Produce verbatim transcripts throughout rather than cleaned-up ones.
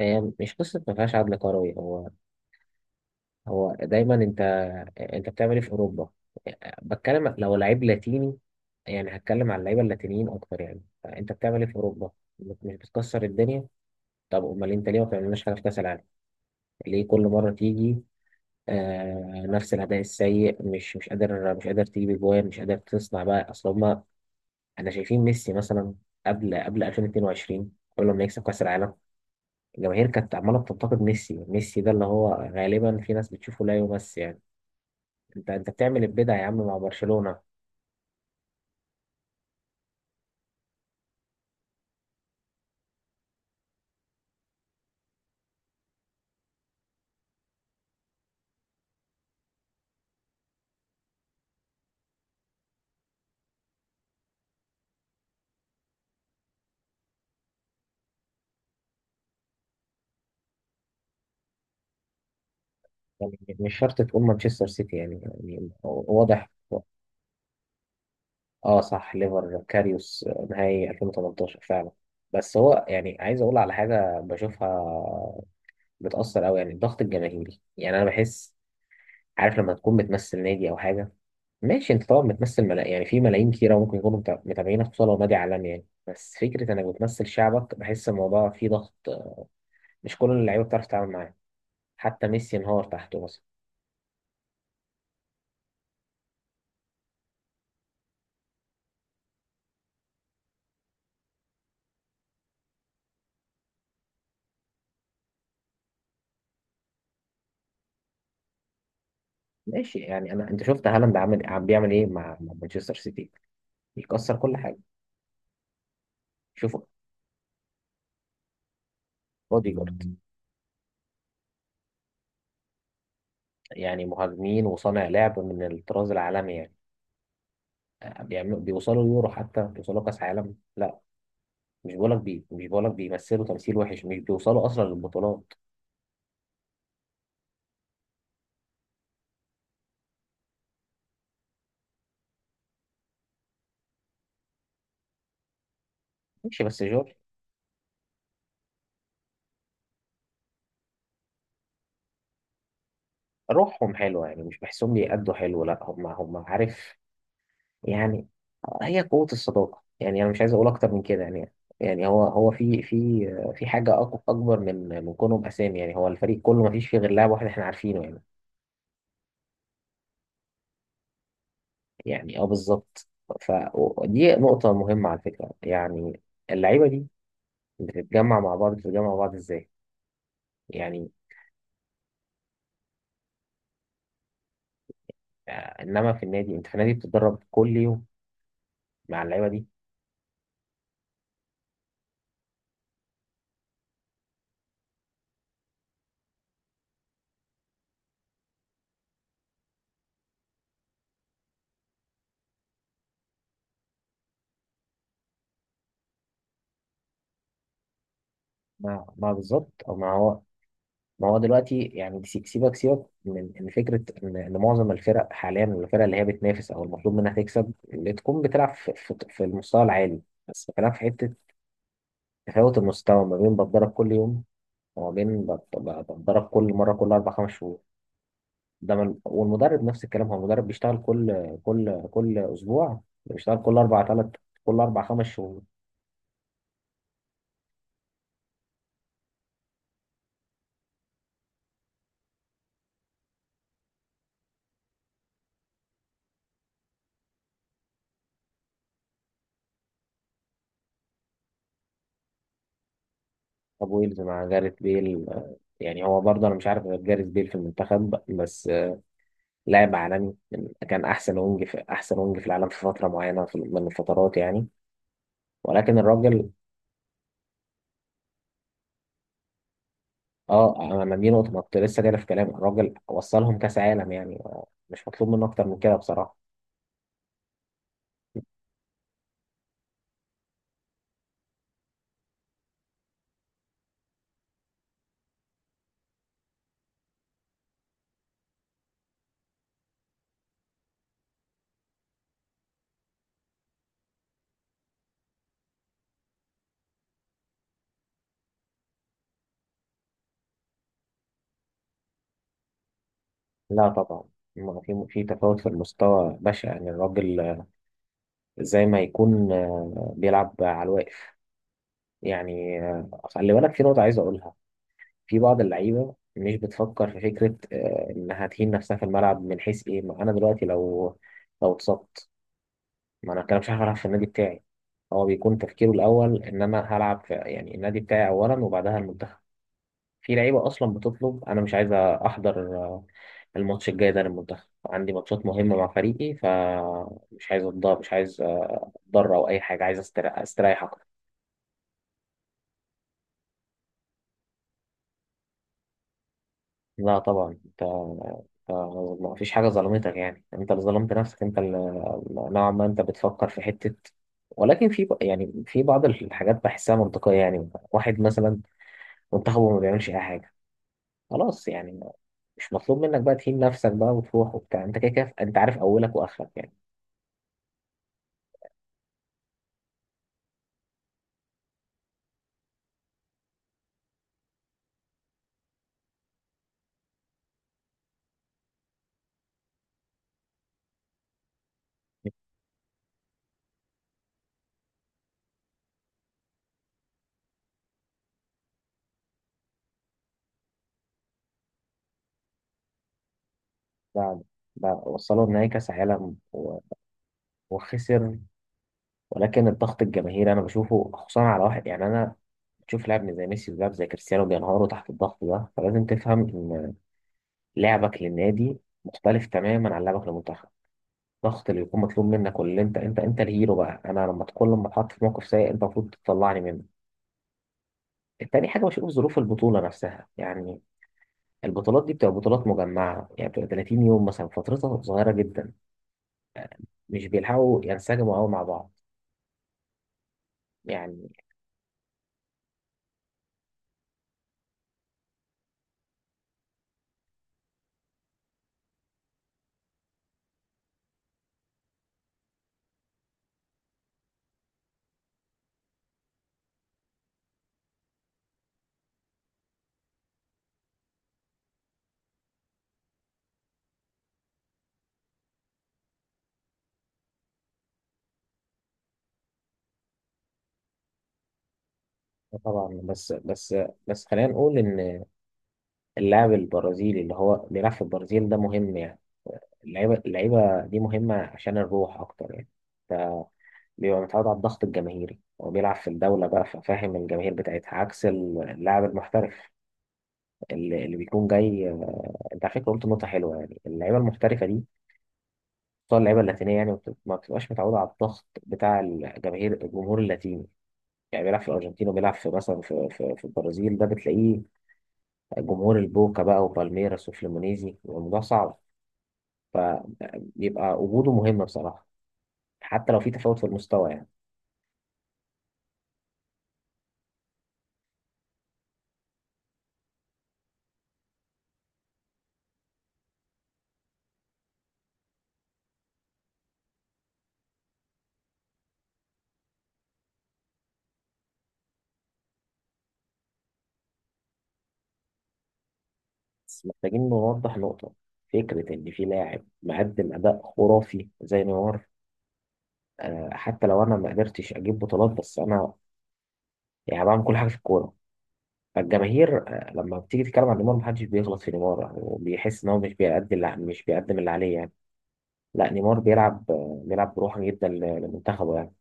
هي مش قصة ما فيهاش عدل كروي. هو هو دايما انت انت بتعمل ايه في اوروبا؟ بتكلم لو لعيب لاتيني، يعني هتكلم على اللعيبه اللاتينيين اكتر. يعني انت بتعمل ايه في اوروبا؟ مش بتكسر الدنيا. طب امال انت ليه ما بتعملناش حاجه في كاس العالم؟ ليه كل مره تيجي آه نفس الاداء السيء، مش مش قادر مش قادر تجيب اجوان، مش قادر تصنع بقى؟ اصل هما انا شايفين ميسي مثلا، قبل قبل ألفين واتنين وعشرين، قبل ما يكسب كاس العالم، الجماهير كانت عماله بتنتقد ميسي. ميسي ده اللي هو غالبا في ناس بتشوفه لا يمس يعني. انت انت بتعمل البدع يا عم مع برشلونه. يعني مش شرط تقول مانشستر سيتي، يعني, يعني واضح. اه، صح، ليفر كاريوس نهائي ألفين وتمنتاشر فعلا. بس هو يعني عايز اقول على حاجه بشوفها، بتاثر قوي، يعني الضغط الجماهيري، يعني انا بحس. عارف لما تكون بتمثل نادي او حاجه، ماشي، انت طبعا بتمثل ملا... يعني في ملايين كتيرة ممكن يكونوا متع- متابعينك، خصوصا لو نادي عالمي يعني. بس فكرة انك بتمثل شعبك، بحس الموضوع فيه ضغط. مش كل اللعيبة بتعرف تتعامل معاه. حتى ميسي انهار تحته مثلا. ماشي، يعني انا انت شفت هالاند عامل عم بيعمل ايه مع مع مانشستر سيتي؟ بيكسر كل حاجة. شوف، بودي جارد، يعني مهاجمين وصانع لعب من الطراز العالمي. يعني آه، بيعملوا بيوصلوا يورو، حتى بيوصلوا كاس عالم؟ لا. مش بقولك بي مش بقولك بيمثلوا تمثيل وحش، مش بيوصلوا اصلا للبطولات. ماشي بس جورج روحهم حلوة، يعني مش بحسهم بيأدوا حلو. لا، هم هم عارف يعني. هي قوة الصداقة يعني. أنا مش عايز أقول أكتر من كده يعني. يعني هو هو في في في حاجة أق- أكبر من من كونهم أسامي. يعني هو الفريق كله ما فيش فيه غير لاعب واحد إحنا عارفينه يعني. يعني أه، بالظبط. فدي نقطة مهمة على فكرة، يعني اللعيبة دي بتتجمع مع بعض بتتجمع مع بعض إزاي يعني؟ آه، إنما في النادي أنت في النادي بتتدرب كل يوم مع اللعيبة دي. مع مع بالظبط، أو مع. ما هو دلوقتي يعني سي- سيبك سيبك من من فكره ان إن معظم الفرق حاليا، الفرق اللي هي بتنافس او المطلوب منها تكسب، اللي تكون بتلعب في في- في المستوى العالي، بس بتلعب في حته. تفاوت المستوى ما بين بتدرب كل يوم، وما بين بت- ب- بتدرب كل مره، كل اربع خمس شهور. ده من، والمدرب نفس الكلام، هو المدرب بيشتغل كل كل كل اسبوع، بيشتغل كل اربع ثلاث كل اربع خمس شهور. طب ويلز مع جاريث بيل، آه، يعني هو برضه انا مش عارف غير جاريث بيل في المنتخب بس. لاعب عالمي من- كان احسن وينج في احسن وينج في العالم في فتره معينه، في- من الفترات يعني. ولكن الراجل اه انا دي نقطه ما كنت لسه جاي في كلام الراجل، وصلهم كاس عالم يعني، آه، مش مطلوب منه اكتر من كده بصراحه. لا طبعا، ما في في تفاوت في المستوى بشع، يعني الراجل آه، زي ما يكون آه، بيلعب على الواقف. يعني آه، خلي بالك في نقطه عايز اقولها، في بعض اللعيبه مش بتفكر في فكره آه، انها تهين نفسها في الملعب، من حيث ايه؟ ما انا دلوقتي لو لو اتصبت، ما انا كده مش عارف العب في النادي بتاعي. هو بيكون تفكيره الاول ان انا هلعب في، يعني النادي بتاعي اولا وبعدها المنتخب. في لعيبه اصلا بتطلب انا مش عايز احضر آه، الماتش الجاي ده للمنتخب، عندي ماتشات مهمه مع فريقي، فمش عايز اتضرر، مش عايز آه، اتضرر او اي حاجه، عايز استريح استريح اكتر. لا طبعا انت أنت ما فيش حاجه ظلمتك، يعني انت اللي ظلمت نفسك، انت اللي نوعا ما انت بتفكر في حته. ولكن في يعني في بعض الحاجات بحسها منطقيه، يعني واحد مثلا منتخبه ما بيعملش اي حاجه، خلاص يعني، ما- مش مطلوب منك بقى تهين نفسك بقى وتروح وبتاع، انت كده كده انت عارف اولك واخرك يعني. ده ده وصلوا نهائي كاس عالم و- وخسر. ولكن الضغط الجماهيري انا بشوفه خصوصا على واحد، يعني انا بشوف لاعب زي ميسي ولاعب زي كريستيانو بينهاروا تحت الضغط ده. فلازم تفهم ان لعبك للنادي مختلف تماما عن لعبك للمنتخب. الضغط اللي يكون مطلوب منك، واللي انت انت انت الهيرو بقى، انا لما تكون لما اتحط في موقف سيء انت المفروض تطلعني منه. تاني حاجة بشوف ظروف البطولة نفسها، يعني البطولات دي بتبقى بطولات مجمعة، يعني بتبقى تلاتين يوم مثلا، فترتها صغيرة جدا، مش بيلحقوا ينسجموا قوي مع بعض يعني. آه، طبعا. بس بس بس خلينا نقول إن اللاعب البرازيلي اللي هو بيلعب في البرازيل ده مهم، يعني اللعيبة اللعيبة دي مهمة عشان الروح أكتر، يعني بيبقى متعود على الضغط الجماهيري، هو بيلعب في الدولة بقى، ففاهم الجماهير بتاعتها، عكس اللاعب المحترف اللي, اللي بيكون جاي آه، انت على فكرة قلت نقطة حلوة، يعني اللعيبة المحترفة دي، خصوصا اللعيبه اللاتينيه، يعني ما بت- ما بتبقاش متعوده على الضغط بتاع الجماهير، الجمهور اللاتيني. يعني بيلعب في الارجنتين، وبيلعب في مثلا، في في, في البرازيل، ده بتلاقيه جمهور البوكا بقى، وبالميراس، وفليمونيزي، بيبقى الموضوع صعب. فبيبقى وجوده مهم بصراحه، حتى لو في تفاوت في المستوى يعني. بس محتاجين نوضح نقطه، فكره ان في لاعب مقدم اداء خرافي زي نيمار، آه، حتى لو انا ما قدرتش اجيب بطولات، بس انا يعني بعمل كل حاجه في الكوره. فالجماهير آه، لما بتيجي تتكلم عن نيمار، محدش بيغلط في نيمار، يعني وبيحس ان هو مش بيقدم اللي مش بيقدم اللي عليه يعني. لا، نيمار بيلعب آه، بيلعب بروح جدا ل- لمنتخبه يعني.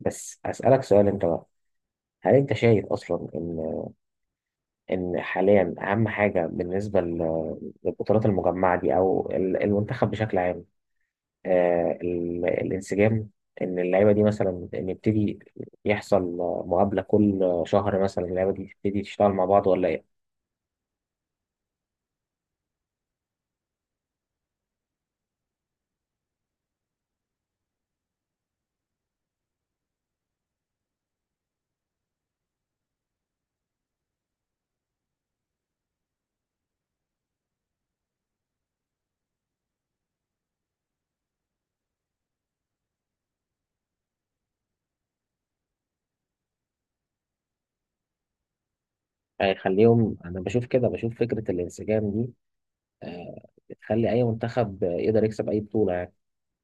بس اسالك سؤال انت بقى، هل انت شايف اصلا ان ان حاليا اهم حاجه بالنسبه ل- للبطولات المجمعه دي، او ال- المنتخب بشكل عام، آه ال- الانسجام؟ ان اللعيبه دي مثلا ان يبتدي يحصل آه، مقابله كل شهر مثلا، اللعيبه دي تبتدي تشتغل مع بعض ولا؟ هيخليهم، انا بشوف كده، بشوف فكره الانسجام دي آه، بتخلي اي منتخب آه، يقدر يكسب اي بطوله.